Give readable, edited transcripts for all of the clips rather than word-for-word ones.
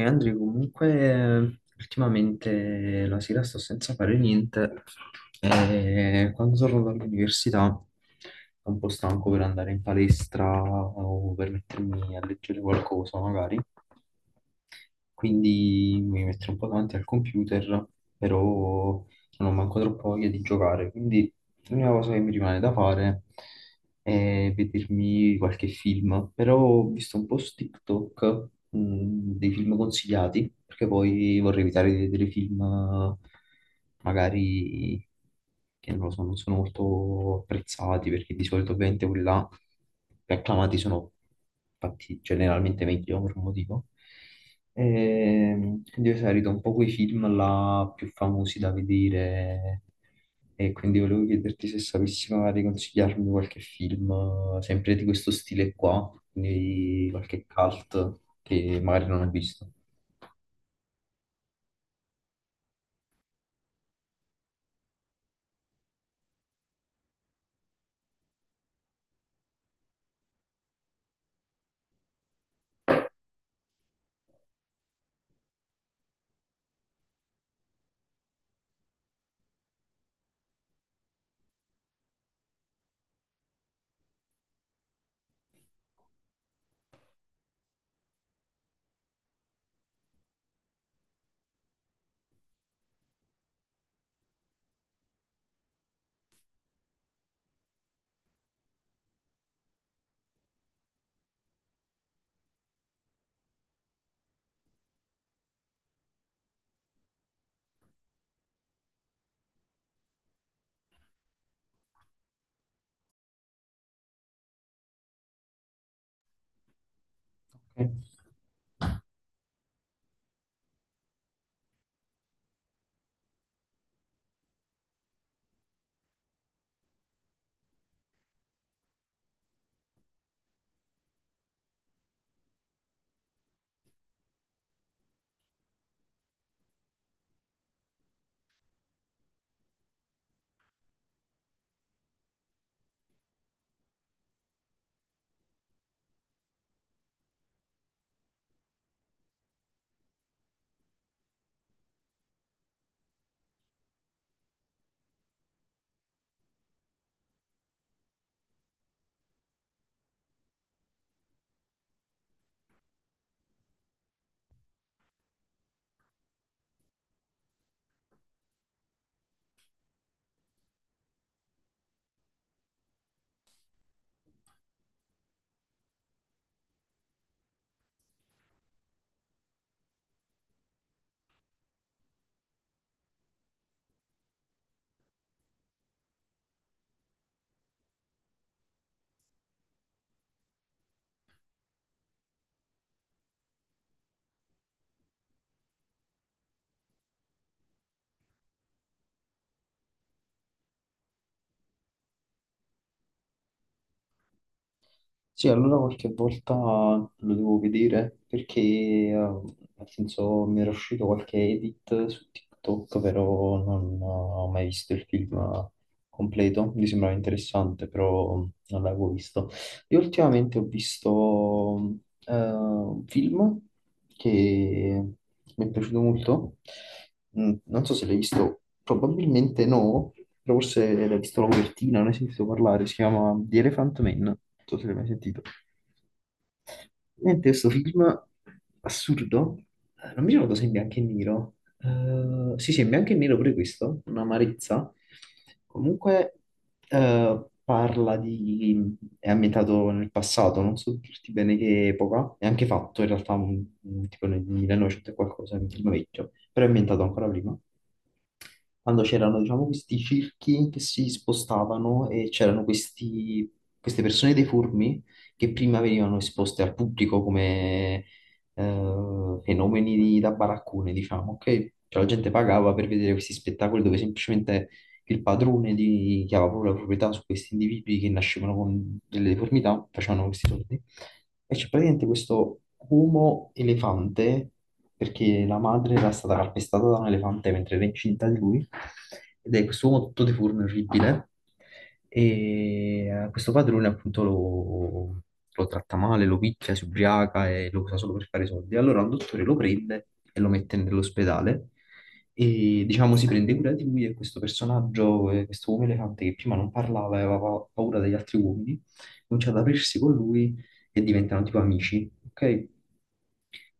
E Andrea, comunque ultimamente la sera sto senza fare niente e quando torno dall'università sono un po' stanco per andare in palestra o per mettermi a leggere qualcosa magari, quindi mi metto un po' davanti al computer, però non ho manco troppo voglia di giocare, quindi l'unica cosa che mi rimane da fare è vedermi qualche film, però ho visto un po' su TikTok, dei film consigliati, perché poi vorrei evitare di vedere film magari che non lo so, non sono molto apprezzati, perché di solito ovviamente quelli là più acclamati sono fatti generalmente meglio per un motivo. Quindi ho esaurito un po' quei film là più famosi da vedere e quindi volevo chiederti se sapessi magari consigliarmi qualche film, sempre di questo stile qua, quindi qualche cult che magari non ho visto. Ok. Sì, allora qualche volta lo devo vedere perché, nel senso, mi era uscito qualche edit su TikTok, però non ho mai visto il film completo. Mi sembrava interessante, però non l'avevo visto. Io ultimamente ho visto un film che mi è piaciuto molto. Non so se l'hai visto, probabilmente no, però forse l'hai visto la copertina, non hai sentito parlare. Si chiama The Elephant Man. Non so se l'hai mai sentito. Niente, questo film assurdo, non mi ricordo se è in bianco e nero. Sì sì, è in bianco e nero pure questo, un'amarezza, comunque parla di, è ambientato nel passato, non so dirti bene che epoca, è anche fatto in realtà un tipo nel 1900 e qualcosa, è un film vecchio, però è ambientato ancora prima, quando c'erano diciamo questi circhi che si spostavano e c'erano queste persone deformi che prima venivano esposte al pubblico come fenomeni da baraccone, diciamo, ok? Cioè la gente pagava per vedere questi spettacoli dove semplicemente che il padrone che aveva proprio la proprietà su questi individui che nascevano con delle deformità, facevano questi soldi. E c'è praticamente questo uomo elefante, perché la madre era stata calpestata da un elefante mentre era incinta di lui, ed è questo uomo tutto deforme, orribile, e questo padrone appunto lo, lo tratta male, lo picchia, si ubriaca e lo usa solo per fare soldi. Allora un dottore lo prende e lo mette nell'ospedale e diciamo si prende cura di lui e questo personaggio, questo uomo elefante che prima non parlava e aveva paura degli altri uomini, comincia ad aprirsi con lui e diventano tipo amici, ok?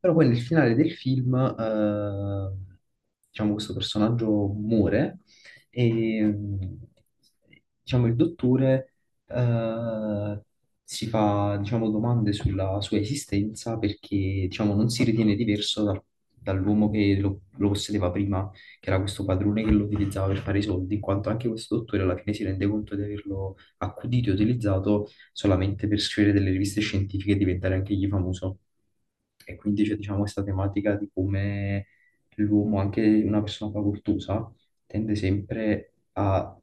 Però poi nel finale del film, diciamo, questo personaggio muore e diciamo, il dottore eh, si fa diciamo, domande sulla sua esistenza perché diciamo, non si ritiene diverso dall'uomo che lo possedeva prima, che era questo padrone che lo utilizzava per fare i soldi, in quanto anche questo dottore alla fine si rende conto di averlo accudito e utilizzato solamente per scrivere delle riviste scientifiche e diventare anche egli famoso. E quindi c'è diciamo questa tematica di come l'uomo, anche una persona facoltosa, tende sempre a,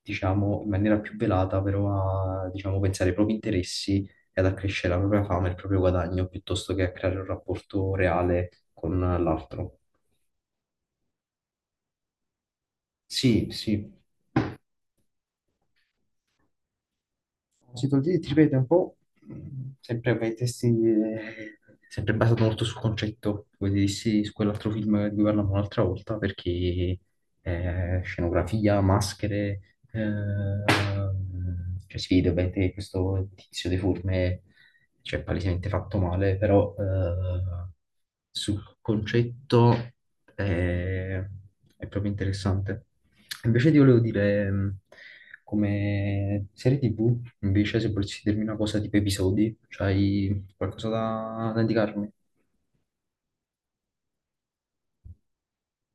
diciamo, in maniera più velata, però a, diciamo, pensare ai propri interessi e ad accrescere la propria fama e il proprio guadagno piuttosto che a creare un rapporto reale con l'altro. Sì, sì. Citolini, ti ripeto, è un po' mh, sempre per i testi, sempre basato molto sul concetto, come ti dissi su quell'altro film di cui parlavamo un'altra volta, perché scenografia, maschere, eh, cioè si vede ovviamente questo tizio deforme cioè palesemente fatto male, però sul concetto è, è proprio interessante. Invece ti volevo dire, come serie TV, invece se volessi dirmi una cosa tipo episodi, c'hai qualcosa da indicarmi?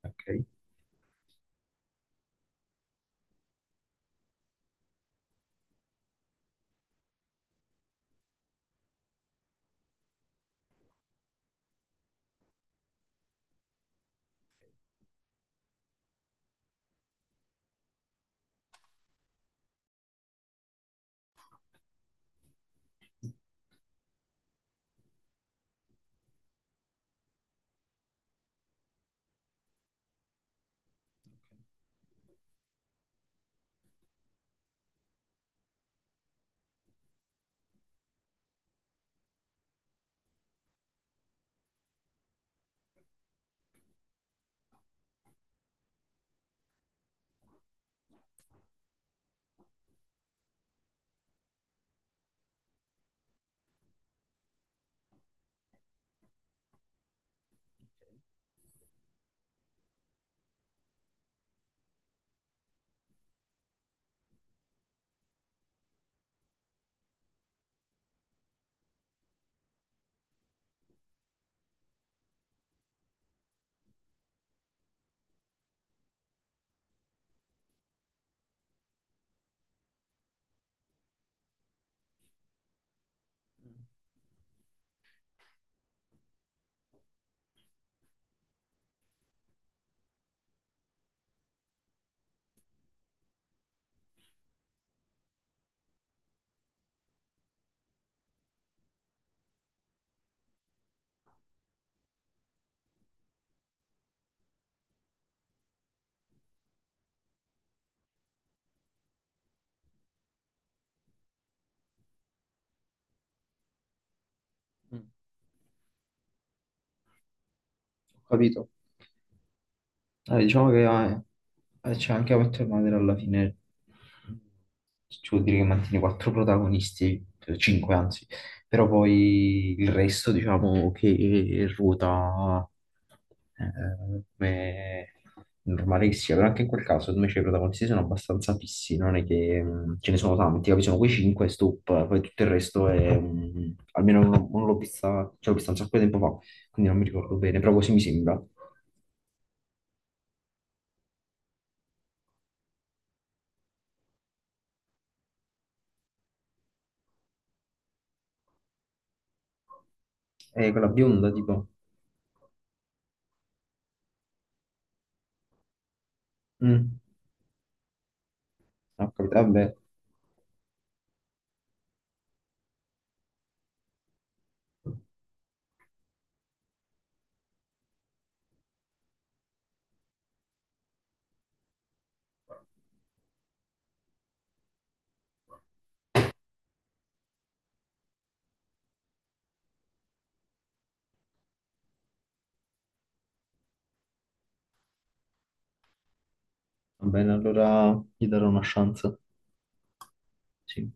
Ok. Mm, Ho capito. Diciamo che c'è anche a Met Your Mother alla fine, ci vuol dire che mantiene quattro protagonisti, cinque anzi, però poi il resto diciamo che ruota come normale che sia, però anche in quel caso secondo me cioè, i protagonisti sono abbastanza fissi, non è che ce ne sono tanti, capi? Sono quei cinque, stop, poi tutto il resto è, almeno non l'ho vista, cioè l'ho vista un sacco di tempo fa, quindi non mi ricordo bene, però così mi sembra. Quella bionda, tipo. Mm. Ho capito, vabbè. Va bene, allora gli darò una chance. Sì.